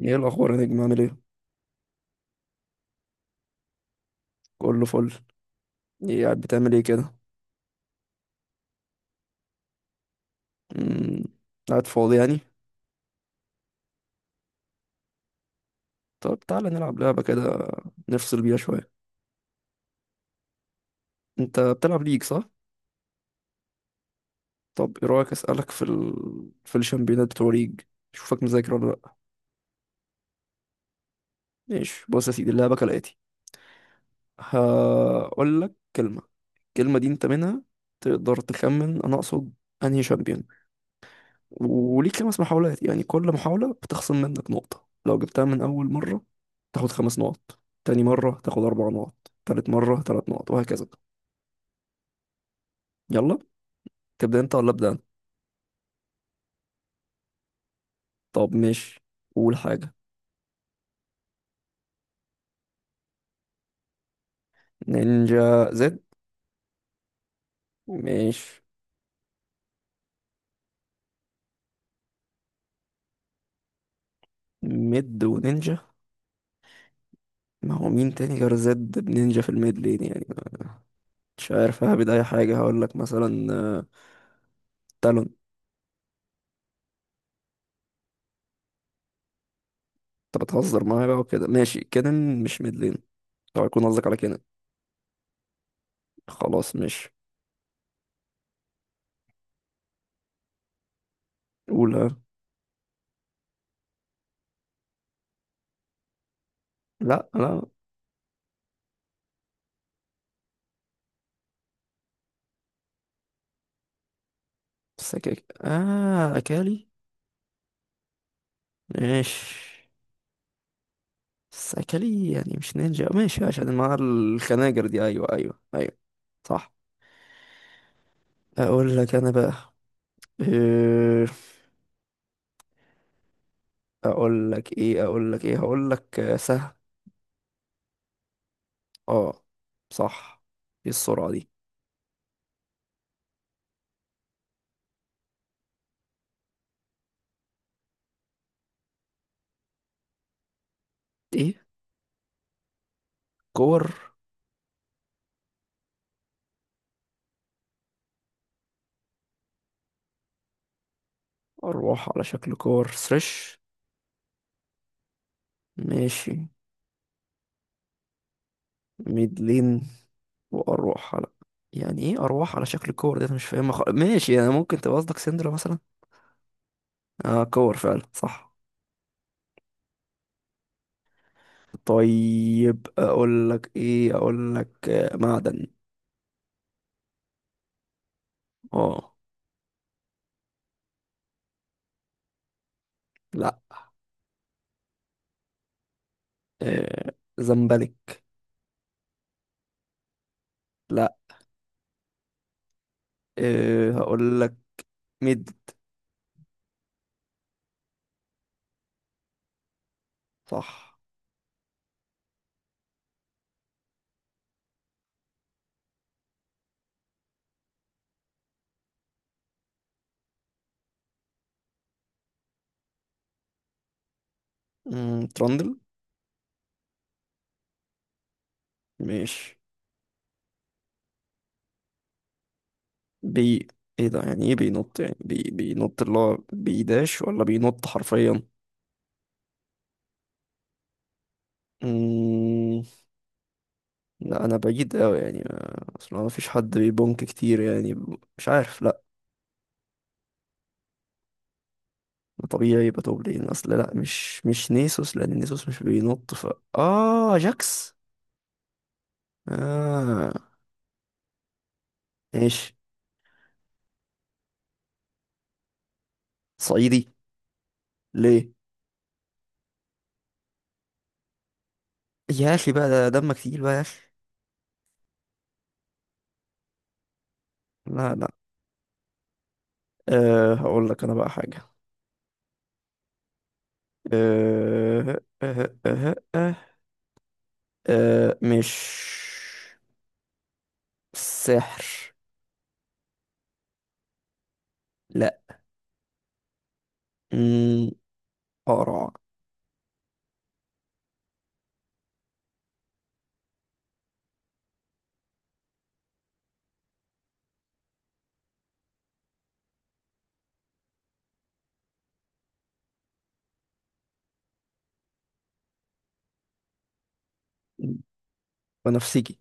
ايه الاخبار يا نجم؟ عامل ايه؟ كله فل. ايه قاعد بتعمل ايه كده؟ امم قاعد فاضي يعني. طب تعالى نلعب لعبه كده، نفصل بيها شويه. انت بتلعب ليج صح؟ طب ايه رايك اسالك في في الشامبيونات بتوع ليج، اشوفك مذاكر ولا لا. ماشي، بص يا سيدي، اللعبه كالاتي: هقول لك كلمه، الكلمه دي انت منها تقدر تخمن انا اقصد انهي شامبيون، وليك 5 محاولات، يعني كل محاولة بتخصم منك نقطة. لو جبتها من أول مرة تاخد 5 نقط، تاني مرة تاخد 4 نقط، تالت مرة 3 نقط وهكذا. يلا، تبدأ أنت ولا أبدأ أنا؟ طب ماشي، قول حاجة. نينجا زد؟ ماشي. ميد ونينجا؟ ما هو مين تاني غير زد بنينجا في الميد لين يعني؟ مش عارف، ههبد أي حاجة. هقول لك مثلا تالون. أنت بتهزر معايا بقى وكده؟ ماشي، كينن مش ميد لين. طب يكون قصدك على كينن؟ خلاص ماشي. قول ها. لا لا. سكك، اه، اكالي. ماشي، بس اكالي يعني مش نينجا، ماشي عشان مع الخناجر دي. ايوه ايوه ايوه، صح. اقول لك انا بقى إيه، اقول لك ايه هقول لك سهم. اه، صح. ايه السرعة دي؟ ايه، كور؟ اروح على شكل كور سريش؟ ماشي. ميدلين؟ واروح على. يعني ايه اروح على شكل كور، ده انا مش فاهمها خالص. ماشي يعني، ممكن تبقى قصدك سندرا مثلا. اه، كور فعلا، صح. طيب اقول لك ايه، اقول لك معدن. اه، لا. زمبلك. لا. أه هقول لك مد. صح. ترندل. ماشي. بي. ايه ده، يعني ايه بينط يعني بينط اللي هو بيداش ولا بينط حرفيا؟ مم، لا انا بعيد قوي يعني اصل ما فيش حد بيبونك كتير يعني مش عارف، لا. طبيعي يبقى توب لين، اصل لا مش نيسوس لان نيسوس مش بينط، ف اه، جاكس. آه، ماشي. صعيدي؟ ليه؟ يا اخي بقى، ده دمك تقيل بقى يا اخي. لا لا. أه هقول لك انا بقى حاجة. أه، أه، مش، سحر. لا. مم، قرع. بنفسجي.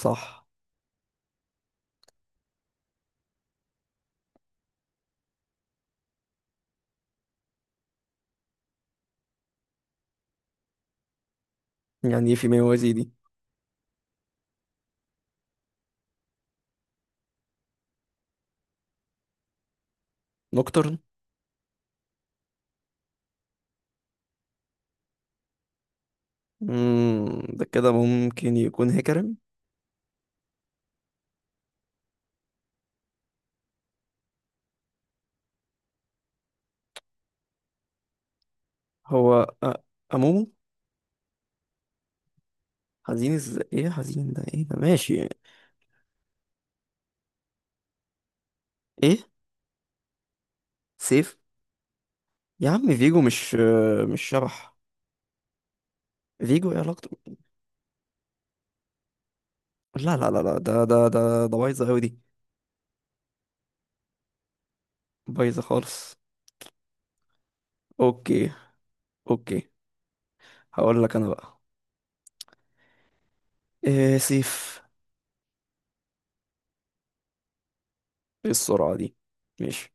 صح. يعني إيه في موازي دي؟ نوكترن. ده كده ممكن يكون هيكرم. هو أ- أمومو. حزين ازاي، ايه حزين ده، ايه ده؟ ماشي. ايه، سيف؟ يا عم فيجو، مش شبح. فيجو ايه علاقته؟ لا لا لا لا، ده بايظه قوي دي. بايظه خالص. اوكي اوكي. هقول لك انا بقى سيف. ايه السرعه دي؟ ماشي.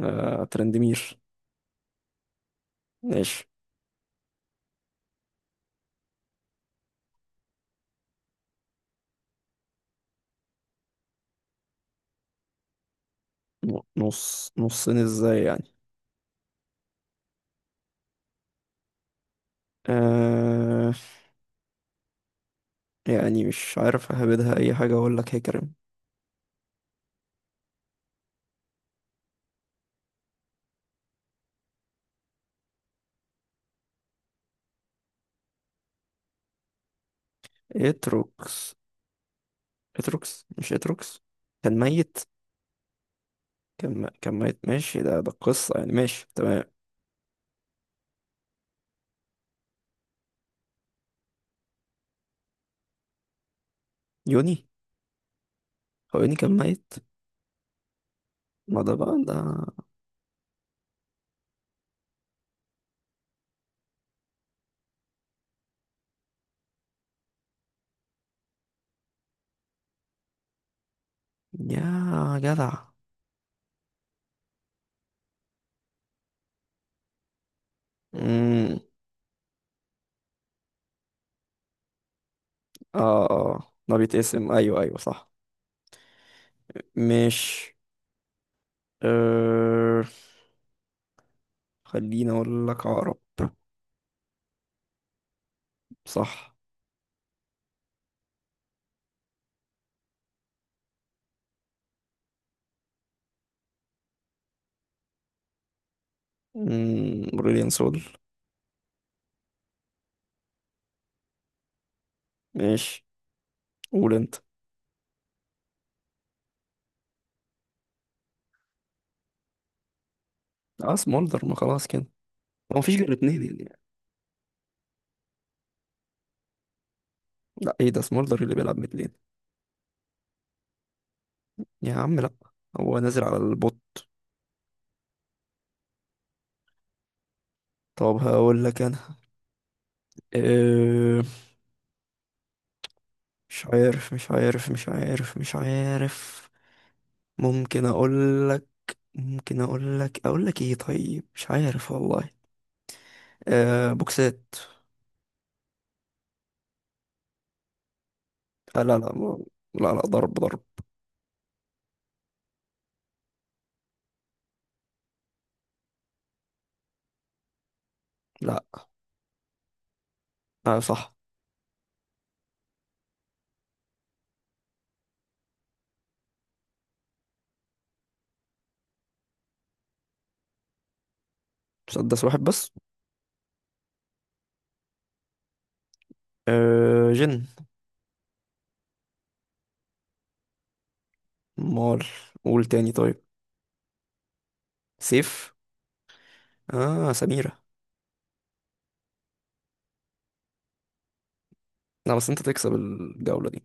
آه، ترندمير. ماشي. نص، نصين ازاي يعني؟ آه، يعني مش عارف اهبدها اي حاجه، اقول لك هيكرم. اتروكس. اتروكس مش اتروكس. كان ميت. كان ميت، ماشي، ده ده القصه يعني، ماشي تمام. يوني. هو يوني كان ميت؟ ما ده بقى ده. يا جدع. امم. اه اه، ده بيتقسم، ايوه ايوه، صح. مش، أه... خليني اقول لك عقرب. صح. امم، بريليان سول. ماشي. قول انت. اه، سمولدر. ما خلاص كده، هو مفيش غير 2 يعني؟ لا ايه ده، سمولدر اللي بيلعب متلين؟ يا عم لا، هو نازل على البوت. طب هقول لك انا، أه... مش عارف. ممكن اقول لك ممكن اقول لك اقول لك ايه طيب، مش عارف والله. آه، بوكسات. آه لا لا، لا لا، ضرب ضرب. لا. آه، صح. مسدس واحد بس. آه، جن. مال. قول تاني طيب. سيف. اه، سميرة. لا بس انت تكسب الجولة دي.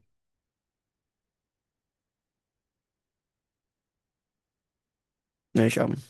ماشي يا عم.